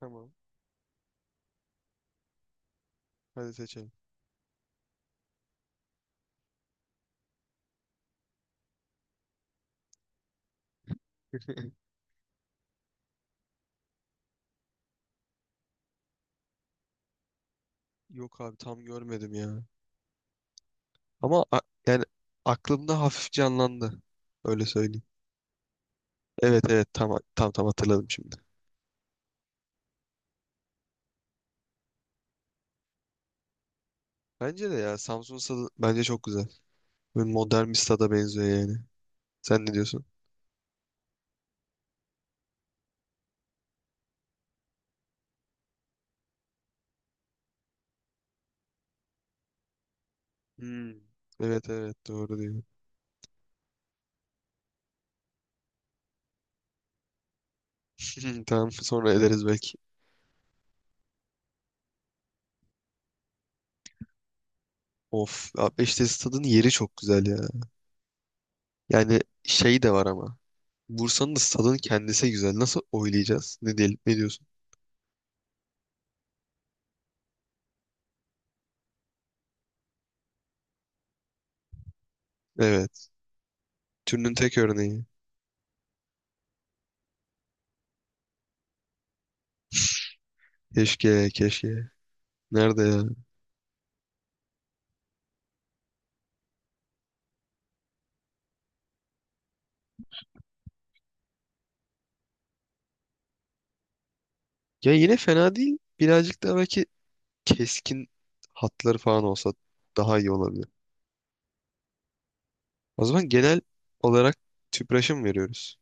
Tamam. Hadi seçelim. Yok abi tam görmedim ya. Ama yani aklımda hafif canlandı. Öyle söyleyeyim. Evet evet tam tam tam hatırladım şimdi. Bence de ya Samsun stadı bence çok güzel. Böyle modern bir stada benziyor yani. Sen ne diyorsun? Hmm. Evet evet doğru diyor. Tamam sonra ederiz belki. Of abi işte stadın yeri çok güzel ya. Yani şey de var ama. Bursa'nın da stadın kendisi güzel. Nasıl oylayacağız? Ne diyelim? Ne diyorsun? Evet. Türünün tek örneği. Keşke, keşke. Nerede ya? Ya yine fena değil. Birazcık daha belki keskin hatları falan olsa daha iyi olabilir. O zaman genel olarak TÜPRAŞ'a mı veriyoruz?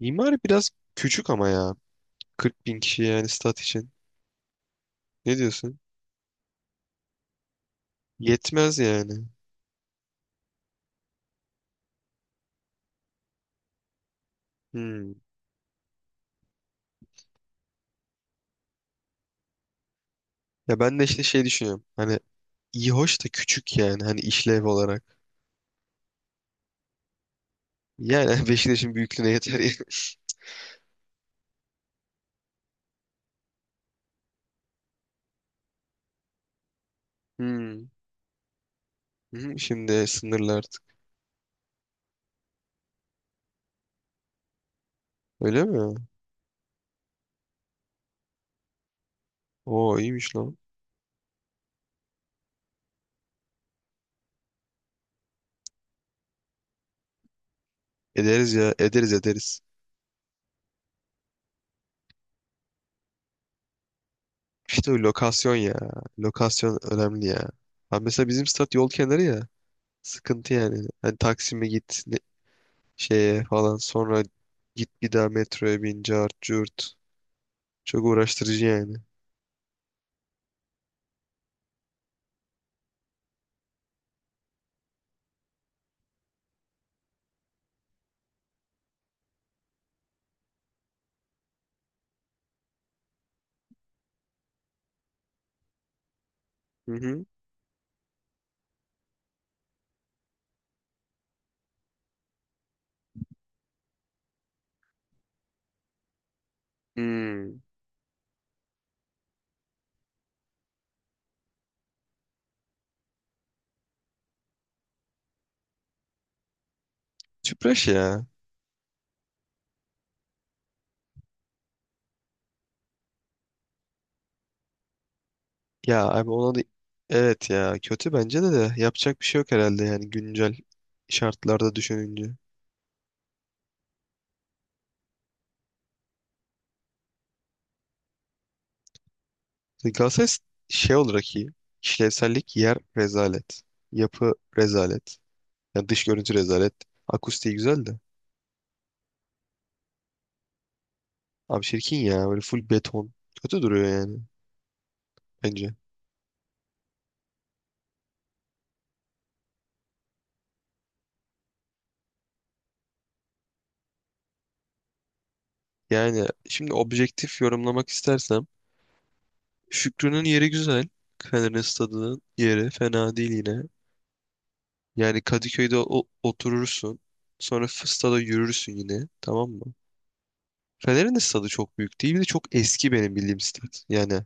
İmar biraz küçük ama ya. 40 bin kişi yani stat için. Ne diyorsun? Yetmez yani. Hmm. Ya ben de işte şey düşünüyorum. Hani iyi hoş da küçük yani. Hani işlev olarak. Yani Beşiktaş'ın büyüklüğüne yeter yani. Hmm. Hmm, şimdi sınırlı artık. Öyle mi? Oo iyiymiş lan. Ederiz ya. Ederiz ederiz. İşte o lokasyon ya. Lokasyon önemli ya. Ha mesela bizim stat yol kenarı ya. Sıkıntı yani. Hani Taksim'e git şeye falan sonra git bir daha metroya bin cart curt. Çok uğraştırıcı yani. Hı hı. Hmm. Tüpraş ya. Ya abi ona da evet ya kötü bence de yapacak bir şey yok herhalde yani güncel şartlarda düşününce. Galatasaray şey olarak iyi. İşlevsellik yer rezalet. Yapı rezalet. Yani dış görüntü rezalet. Akustiği güzel de. Abi çirkin ya. Böyle full beton. Kötü duruyor yani. Bence. Yani şimdi objektif yorumlamak istersem. Şükrü'nün yeri güzel. Fener'in stadının yeri fena değil yine. Yani Kadıköy'de oturursun. Sonra stada yürürsün yine. Tamam mı? Fener'in de stadı çok büyük değil. Bir de çok eski benim bildiğim stat. Yani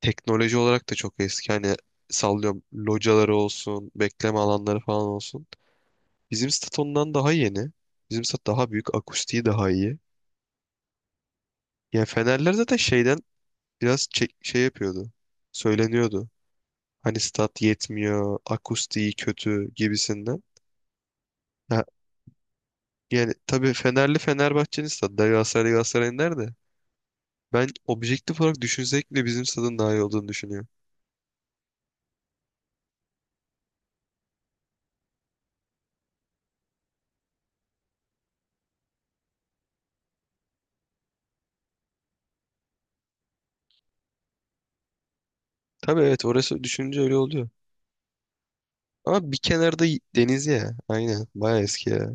teknoloji olarak da çok eski. Hani sallıyorum locaları olsun, bekleme alanları falan olsun. Bizim stat ondan daha yeni. Bizim stat daha büyük. Akustiği daha iyi. Yani Fenerler zaten şeyden biraz şey yapıyordu. Söyleniyordu. Hani stat yetmiyor. Akustiği kötü gibisinden. Ha, yani tabii Fenerli Fenerbahçe'nin stadı da, Galatasaray Galatasaray'ın nerede? Ben objektif olarak düşünsek bile bizim stadın daha iyi olduğunu düşünüyorum. Tabii evet orası düşününce öyle oluyor. Ama bir kenarda deniz ya. Aynen. Baya eski ya.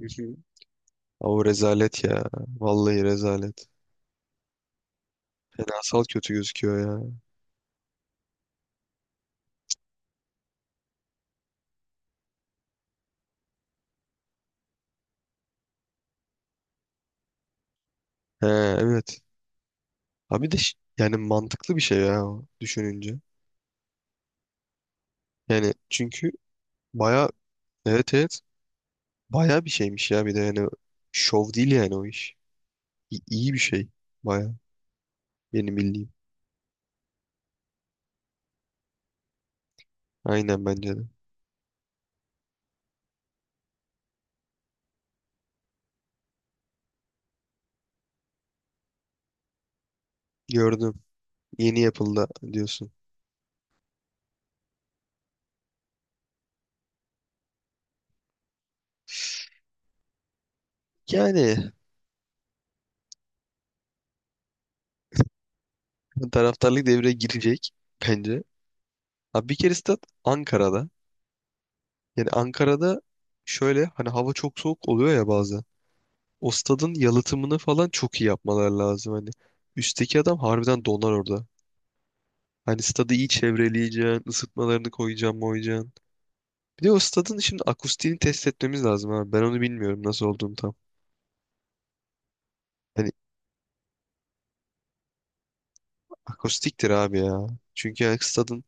Hı hı. O rezalet ya. Vallahi rezalet. Fenasal kötü gözüküyor ya. He, evet. Abi de yani mantıklı bir şey ya o, düşününce. Yani çünkü baya evet evet baya bir şeymiş ya bir de yani şov değil yani o iş. İ- iyi bir şey baya benim bildiğim. Aynen bence de. Gördüm. Yeni yapıldı diyorsun. Yani taraftarlık devreye girecek bence. Abi bir kere stat Ankara'da. Yani Ankara'da şöyle hani hava çok soğuk oluyor ya bazen. O stadın yalıtımını falan çok iyi yapmaları lazım hani. Üstteki adam harbiden donar orada. Hani stadı iyi çevreleyeceksin, ısıtmalarını koyacaksın, moyacaksın. Bir de o stadın şimdi akustiğini test etmemiz lazım abi. Ben onu bilmiyorum nasıl olduğunu tam. Hani akustiktir abi ya. Çünkü yani stadın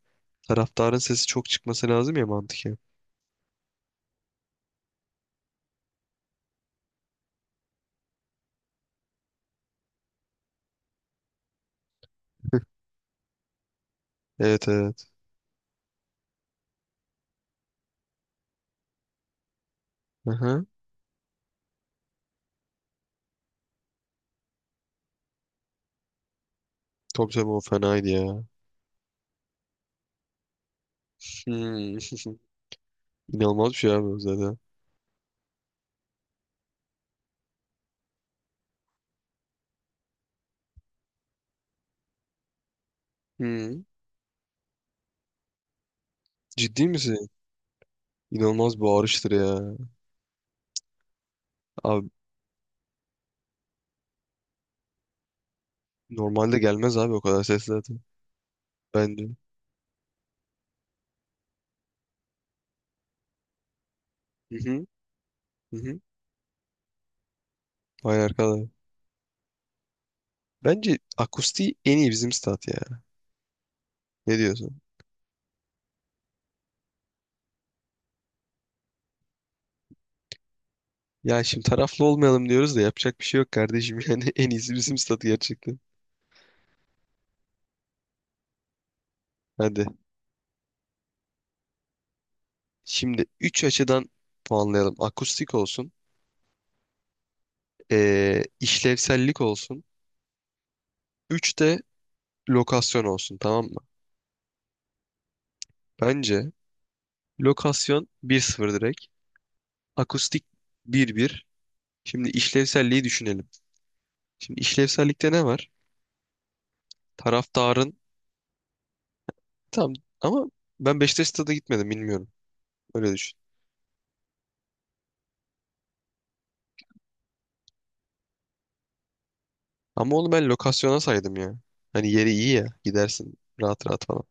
taraftarın sesi çok çıkması lazım ya mantıken. Evet evet. Aha. Tabii tabii o fenaydı ya. Hmm. İnanılmaz bir şey abi o zaten. Hmm. Ciddi misin? İnanılmaz bağırıştır ya. Abi normalde gelmez abi o kadar ses zaten. Bence. Hı hı. Hı hı. Vay arkadaş. Bence akustiği en iyi bizim stat ya. Ne diyorsun? Ya şimdi taraflı olmayalım diyoruz da yapacak bir şey yok kardeşim. Yani en iyisi bizim statı gerçekten. Hadi. Şimdi 3 açıdan puanlayalım. Akustik olsun. İşlevsellik olsun. 3 de lokasyon olsun tamam mı? Bence lokasyon 1-0 direkt. Akustik 1-1. Şimdi işlevselliği düşünelim. Şimdi işlevsellikte ne var? Taraftarın. Tamam ama ben Beşiktaş stada gitmedim bilmiyorum. Öyle düşün. Ama onu ben lokasyona saydım ya. Hani yeri iyi ya. Gidersin rahat rahat falan.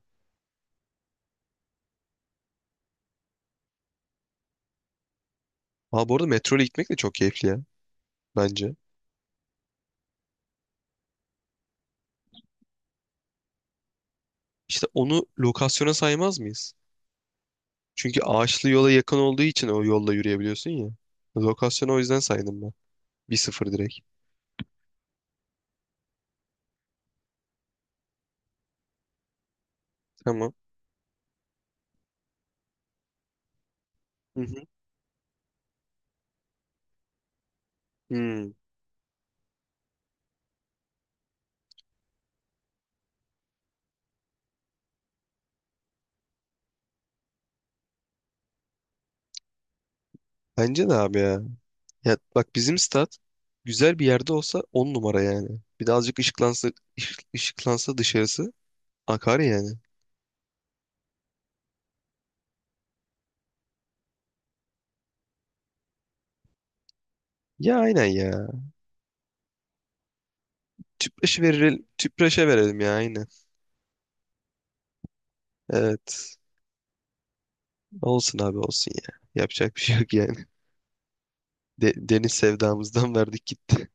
Aa bu arada metro ile gitmek de çok keyifli ya. Bence. İşte onu lokasyona saymaz mıyız? Çünkü ağaçlı yola yakın olduğu için o yolla yürüyebiliyorsun ya. Lokasyona o yüzden saydım ben. Bir sıfır direkt. Tamam. Hı hı. Hmm. Bence de abi ya. Ya bak bizim stat güzel bir yerde olsa 10 numara yani. Bir de azıcık ışıklansa, ışıklansa dışarısı akar yani. Ya aynen ya. Tüpraşı verelim, Tüpraş'a verelim ya aynen. Evet. Olsun abi olsun ya. Yapacak bir şey yok yani. Deniz sevdamızdan verdik gitti.